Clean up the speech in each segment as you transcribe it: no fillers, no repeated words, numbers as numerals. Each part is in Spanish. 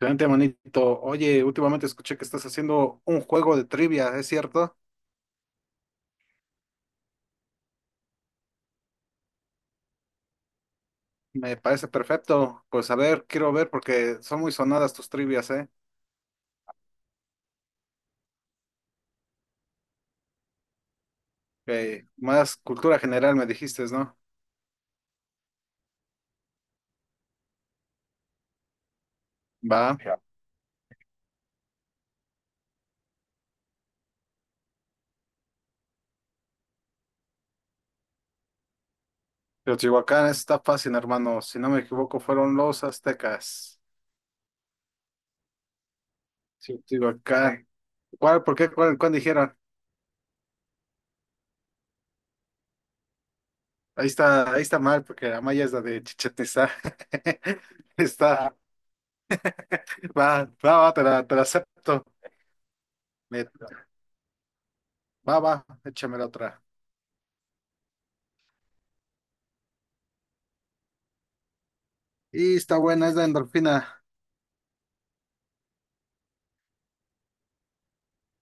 Excelente, manito. Oye, últimamente escuché que estás haciendo un juego de trivia, ¿es cierto? Me parece perfecto. Pues a ver, quiero ver porque son muy sonadas tus trivias, ¿eh? Más cultura general me dijiste, ¿no? Va. Ya. Teotihuacán está fácil, hermano. Si no me equivoco, fueron los aztecas. Sí, Teotihuacán. ¿Cuál? ¿Por qué? ¿Cuál dijeron? Ahí está mal, porque la maya es la de Chichén Itzá. Está. Ah, va, va, va, te la acepto. Me- Va, va, échame la otra. Y está buena, es la endorfina.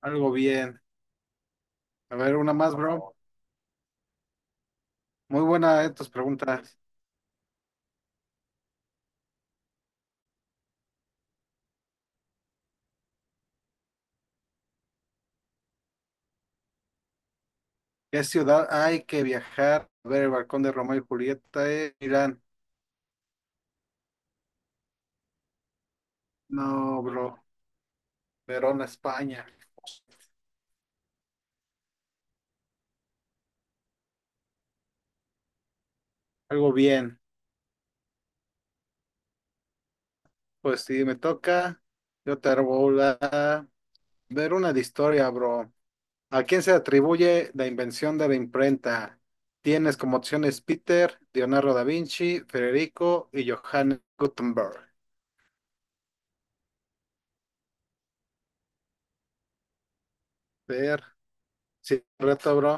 Algo bien. A ver, una más, bro. Muy buena, tus preguntas. ¿Qué ciudad hay que viajar? A ver, el balcón de Romeo y Julieta, Irán. No, bro. Verona, España. Algo bien. Pues si me toca, yo te hago la. Ver una de historia, bro. ¿A quién se atribuye la invención de la imprenta? Tienes como opciones Peter, Leonardo da Vinci, Federico y Johannes Gutenberg. Ver, sí, reto, bro.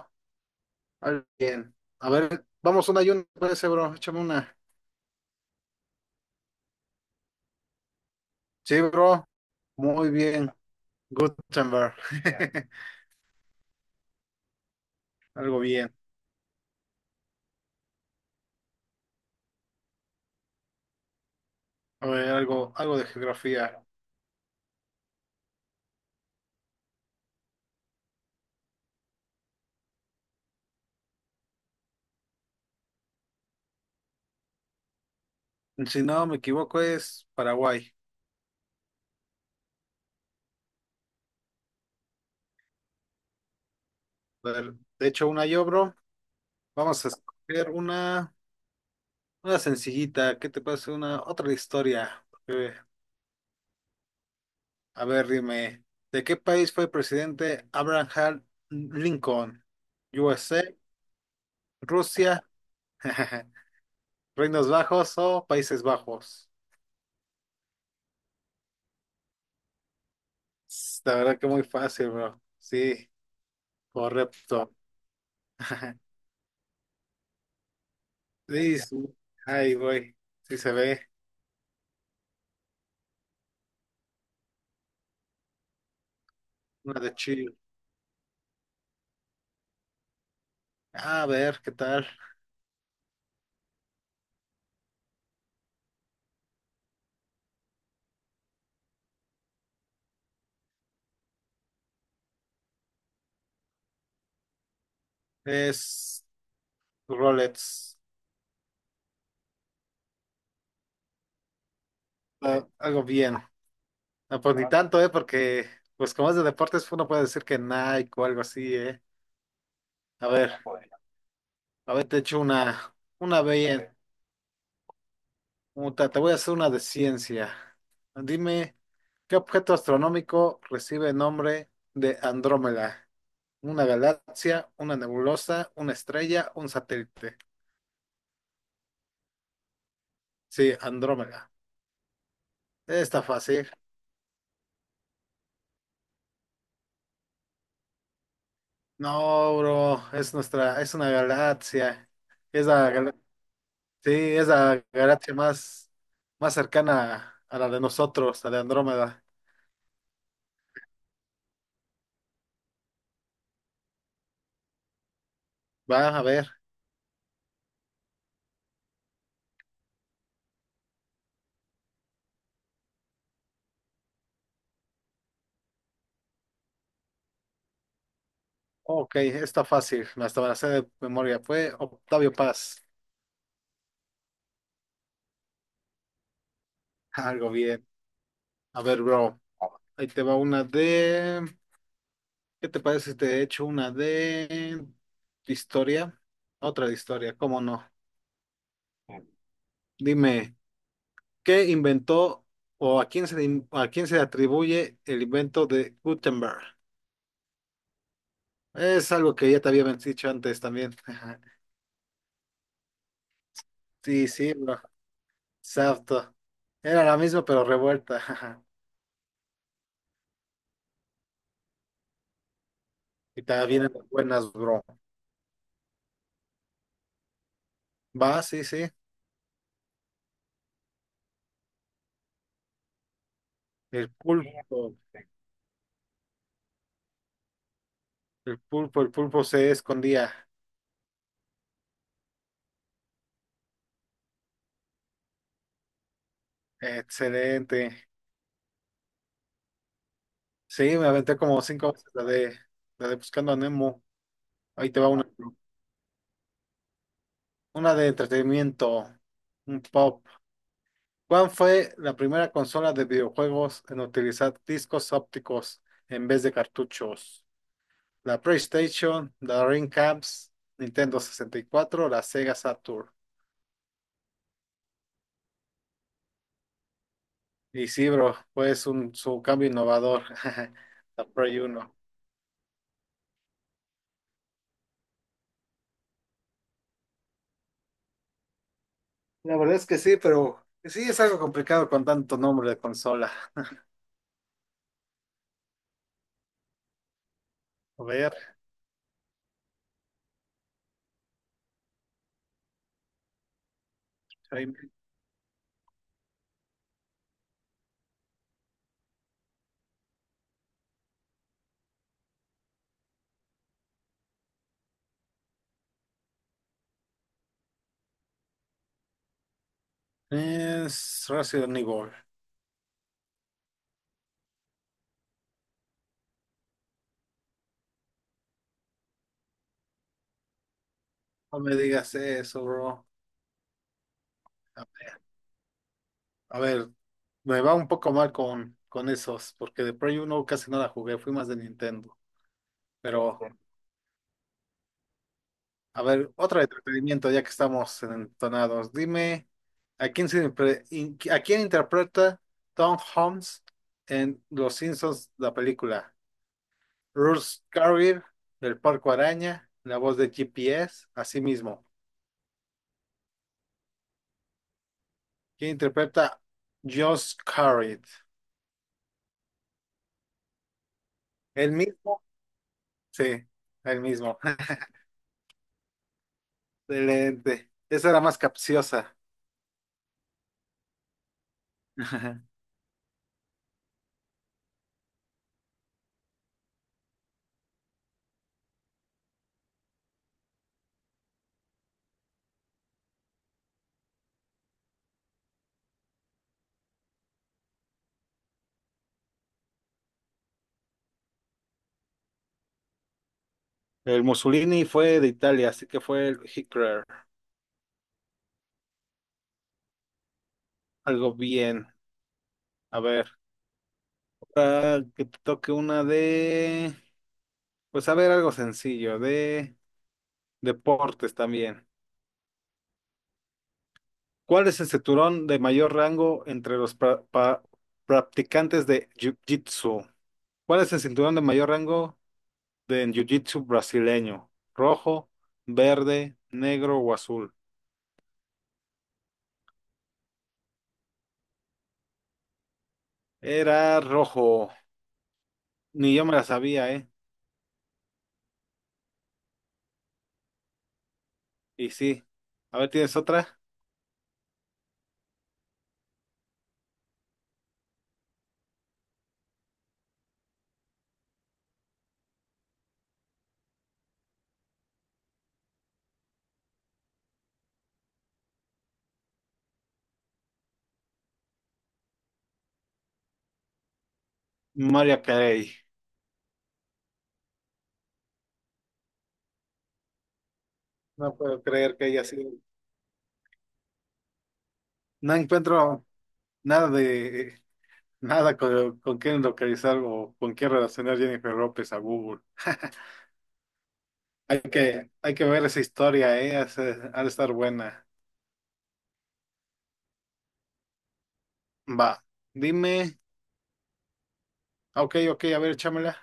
Bien. A ver, vamos una y una, parece, bro. Échame una. Sí, bro. Muy bien. Gutenberg. Ya. Algo bien. A ver, algo, algo de geografía. Si no me equivoco, es Paraguay. A ver, de hecho, una yo, bro. Vamos a escoger una sencillita. ¿Qué te parece? Una, otra de historia. A ver, dime. ¿De qué país fue presidente Abraham Lincoln? USA, Rusia. Reinos Bajos o Países Bajos. La verdad que muy fácil, bro. Sí, correcto. Sí, sí. Ahí voy. Sí se ve. Una de Chile. A ver, ¿qué tal? Es Rolex. Ah, algo bien. No, pues ni tanto, ¿eh? Porque, pues como es de deportes, uno puede decir que Nike o algo así, ¿eh? A ver, a ver, te echo una bella. Muta, te voy a hacer una de ciencia. Dime, ¿qué objeto astronómico recibe el nombre de Andrómeda? ¿Una galaxia, una nebulosa, una estrella, un satélite? Sí, Andrómeda. Está fácil. No, bro, es nuestra, es una galaxia. Es sí, es la galaxia más cercana a la de nosotros, a la de Andrómeda. Va a ver. Ok, está fácil. Hasta me la sé de memoria. Fue Octavio Paz. Algo bien. A ver, bro. Ahí te va una de... ¿Qué te parece si te echo una de historia? Otra de historia, ¿cómo no? Dime, ¿qué inventó o a quién se le atribuye el invento de Gutenberg? Es algo que ya te había dicho antes también. Sí, sí, bro. Exacto. Era la misma, pero revuelta. Y también vienen las buenas, bro. Va, sí, sí. El pulpo. El pulpo, el pulpo se escondía. Excelente. Sí, me aventé como cinco veces la de Buscando a Nemo. Ahí te va una. Una de entretenimiento. Un pop. ¿Cuál fue la primera consola de videojuegos en utilizar discos ópticos en vez de cartuchos? La PlayStation, la Dreamcast, Nintendo 64, la Sega Saturn. Y sí, bro, fue un, su cambio innovador. La Play 1. La verdad es que sí, pero sí es algo complicado con tanto nombre de consola. A ver, ahí. Es Resident Evil. No me digas eso, bro. A ver, a ver, me va un poco mal con esos, porque de Play 1 casi no la jugué, fui más de Nintendo. Pero, a ver, otro entretenimiento, ya que estamos entonados. Dime, ¿a quién, se impre- in- a quién interpreta Tom Holmes en Los Simpsons, la película? Russ Carrier, del Parco Araña, la voz de GPS, así mismo. ¿Quién interpreta Josh Carrier? El mismo, sí, el mismo. Excelente. Esa era más capciosa. El Mussolini fue de Italia, así que fue el Hitler. Algo bien. A ver, ahora que te toque una de, pues a ver, algo sencillo, de deportes también. ¿Cuál es el cinturón de mayor rango entre los practicantes de Jiu-Jitsu? ¿Cuál es el cinturón de mayor rango de en Jiu-Jitsu brasileño? ¿Rojo, verde, negro o azul? Era rojo. Ni yo me la sabía, ¿eh? Y sí. A ver, ¿tienes otra? Maria Carey. No puedo creer que haya sido. No encuentro nada de nada con, quién localizar o con quién relacionar Jennifer López a Google. Hay que ver esa historia, ¿eh? Ha de estar buena. Va. Dime. Ah, Ok, ok, a ver, échamela.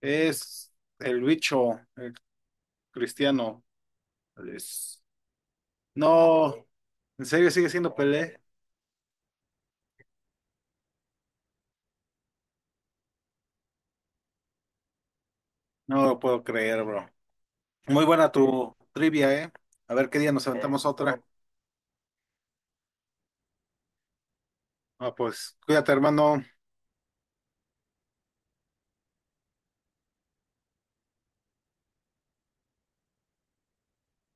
Es el bicho, el cristiano. Es- No. ¿En serio sigue siendo Pelé? No lo puedo creer, bro. Muy buena tu trivia, ¿eh? A ver qué día nos aventamos otra. Ah, pues cuídate, hermano.